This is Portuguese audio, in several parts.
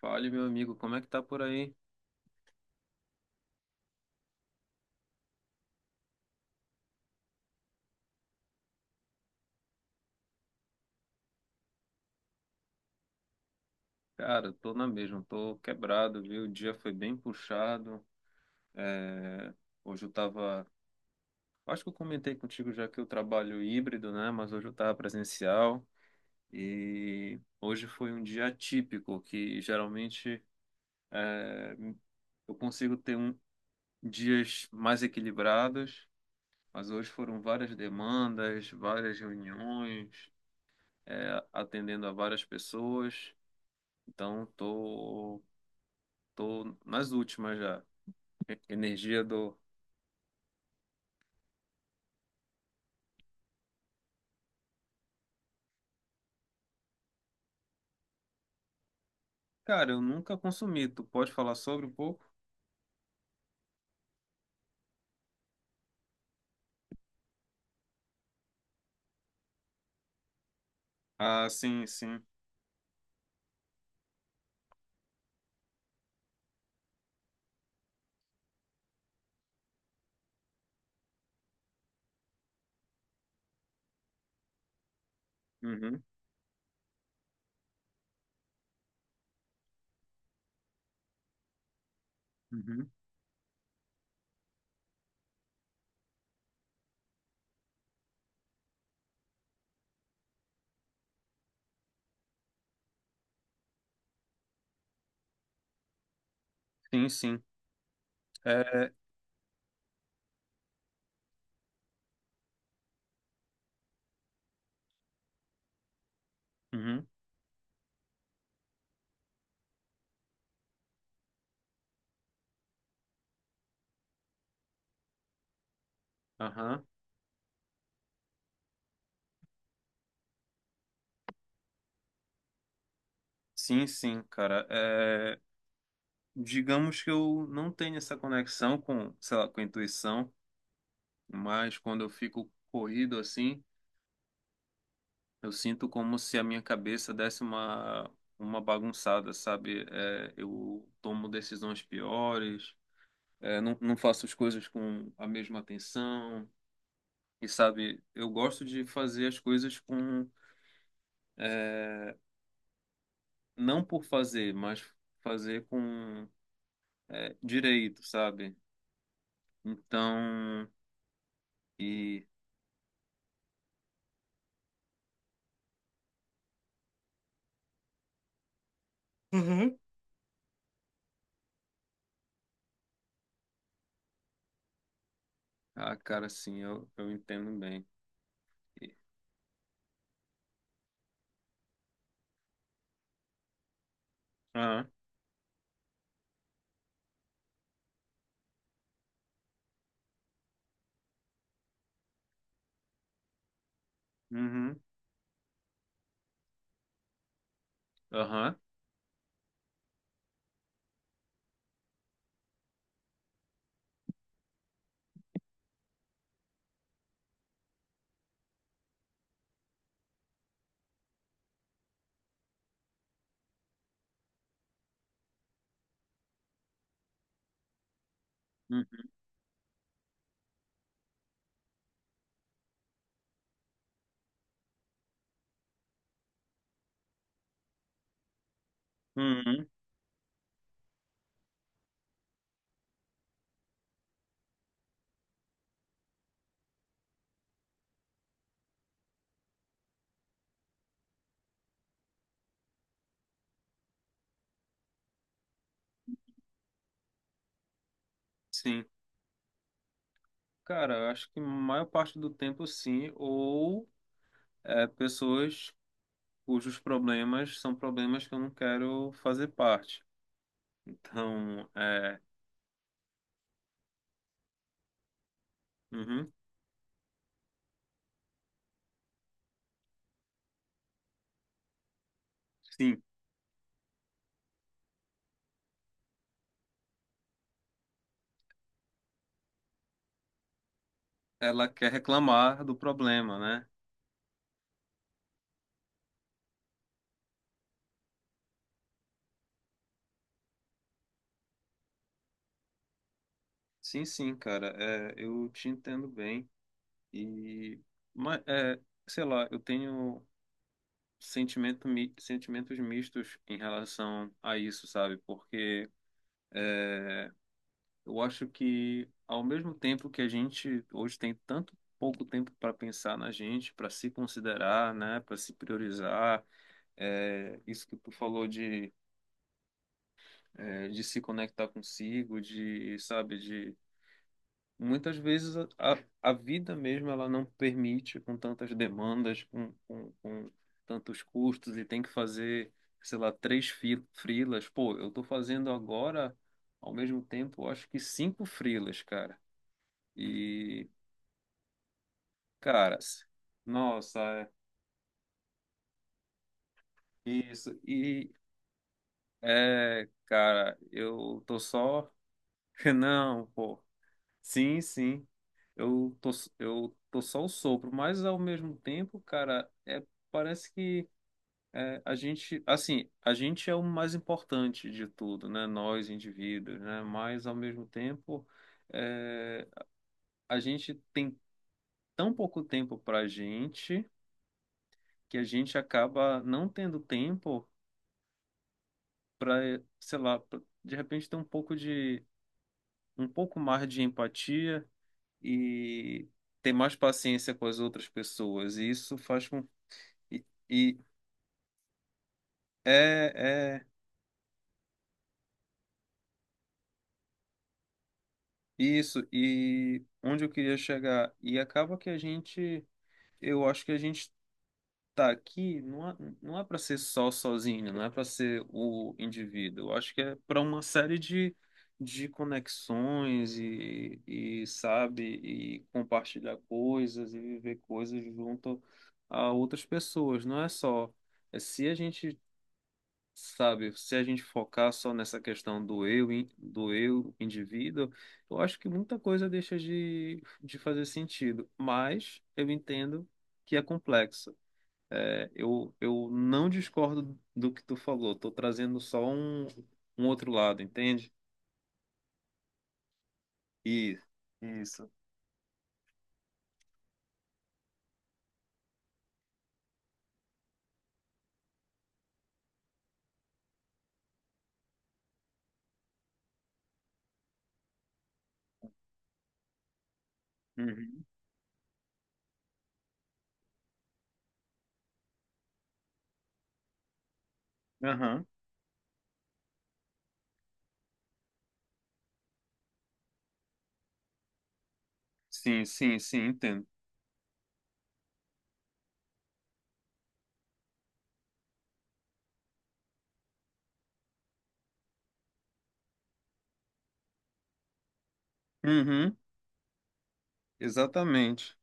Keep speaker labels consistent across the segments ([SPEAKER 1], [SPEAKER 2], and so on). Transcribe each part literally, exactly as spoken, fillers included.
[SPEAKER 1] Fale, meu amigo, como é que tá por aí? Cara, tô na mesma, tô quebrado, viu? O dia foi bem puxado. É, Hoje eu tava. Acho que eu comentei contigo já que eu trabalho híbrido, né? Mas hoje eu tava presencial. E hoje foi um dia atípico, que geralmente é, eu consigo ter um... dias mais equilibrados, mas hoje foram várias demandas, várias reuniões, é, atendendo a várias pessoas. Então, tô. Tô nas últimas já. E- Energia do. Cara, eu nunca consumi. Tu pode falar sobre um pouco? Ah, sim, sim. Uhum, uhum. Sim, sim. É. Uhum, aham. Sim, sim, cara. É, digamos que eu não tenho essa conexão com, sei lá, com a intuição, mas quando eu fico corrido assim, eu sinto como se a minha cabeça desse uma, uma bagunçada, sabe? É, eu tomo decisões piores. É, não, não faço as coisas com a mesma atenção. E sabe, eu gosto de fazer as coisas com, é, não por fazer, mas fazer com, é, direito, sabe? Então, e, Uhum. Ah, cara, sim, eu, eu entendo bem. E- ah, uhum, aham, uhum, uhum, sim. Cara, eu acho que a maior parte do tempo, sim, ou é, pessoas cujos problemas são problemas que eu não quero fazer parte. Então, é, uhum, sim, ela quer reclamar do problema, né? Sim, sim, cara, é, eu te entendo bem. E, mas, é, sei lá, eu tenho sentimento, mi- sentimentos mistos em relação a isso, sabe? Porque eu acho que, ao mesmo tempo que a gente hoje tem tanto pouco tempo para pensar na gente, para se considerar, né? Para se priorizar, é, isso que tu falou de é, de se conectar consigo, de, sabe, de muitas vezes a, a a vida mesmo ela não permite com tantas demandas, com, com, com tantos custos e tem que fazer, sei lá, três fi- freelas. Pô, eu tô fazendo agora, ao mesmo tempo, acho que cinco frilas, cara. E, cara, s- nossa, é isso. E, é, cara, eu tô só. Não, pô. Sim, sim. Eu tô, eu tô só o sopro, mas ao mesmo tempo, cara, é, parece que é, a gente, assim, a gente é o mais importante de tudo, né? Nós, indivíduos, né? Mas ao mesmo tempo, é, a gente tem tão pouco tempo pra gente que a gente acaba não tendo tempo pra, sei lá, pra, de repente ter um pouco de, um pouco mais de empatia e ter mais paciência com as outras pessoas. E isso faz com. E, e é, é isso. E onde eu queria chegar. E acaba que a gente. Eu acho que a gente tá aqui não é, não é, para ser só sozinho, não é para ser o indivíduo. Eu acho que é para uma série de. De conexões e, e sabe e compartilhar coisas e viver coisas junto a outras pessoas não é só é, Se a gente sabe, se a gente focar só nessa questão do eu, in- do eu indivíduo, eu acho que muita coisa deixa de, de, fazer sentido, mas eu entendo que é complexo. É, eu, eu não discordo do que tu falou, estou trazendo só um, um outro lado, entende? E isso. Uhum. Aham. Sim, sim, sim, entendo. Uhum. Exatamente.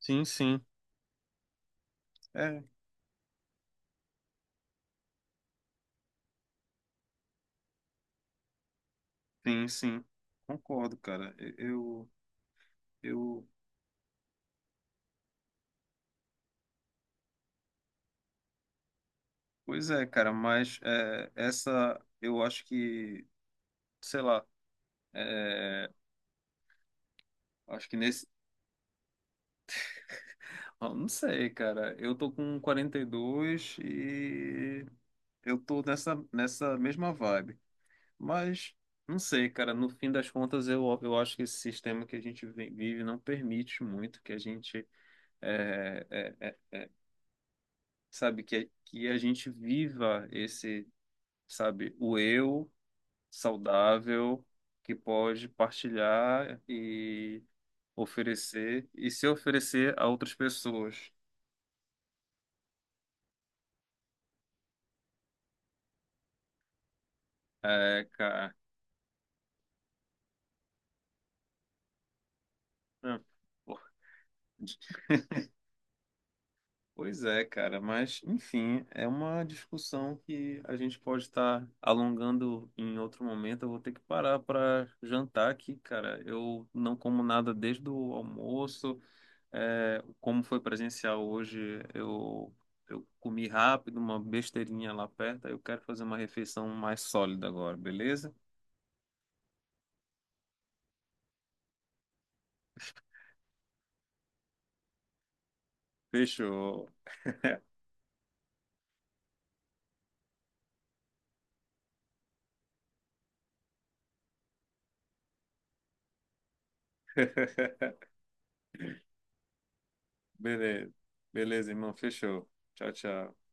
[SPEAKER 1] Sim, sim. É, sim, sim. Concordo, cara. Eu, eu Pois é, cara, mas é, essa eu acho que, sei lá, é, acho que nesse. Ah, não sei, cara. Eu tô com quarenta e dois e dois e eu tô nessa, nessa mesma vibe. Mas não sei, cara. No fim das contas, eu, eu acho que esse sistema que a gente vi- vive não permite muito que a gente, é, é, é, sabe, que, que a gente viva esse, sabe, o eu. Saudável que pode partilhar e oferecer e se oferecer a outras pessoas. É, cara. Ah, pô. Pois é, cara, mas enfim, é uma discussão que a gente pode estar alongando em outro momento. Eu vou ter que parar para jantar aqui, cara. Eu não como nada desde o almoço. É, como foi presencial hoje, eu, eu comi rápido, uma besteirinha lá perto, aí eu quero fazer uma refeição mais sólida agora, beleza? Fechou. Beleza. Beleza, irmão, fechou. Tchau, tchau.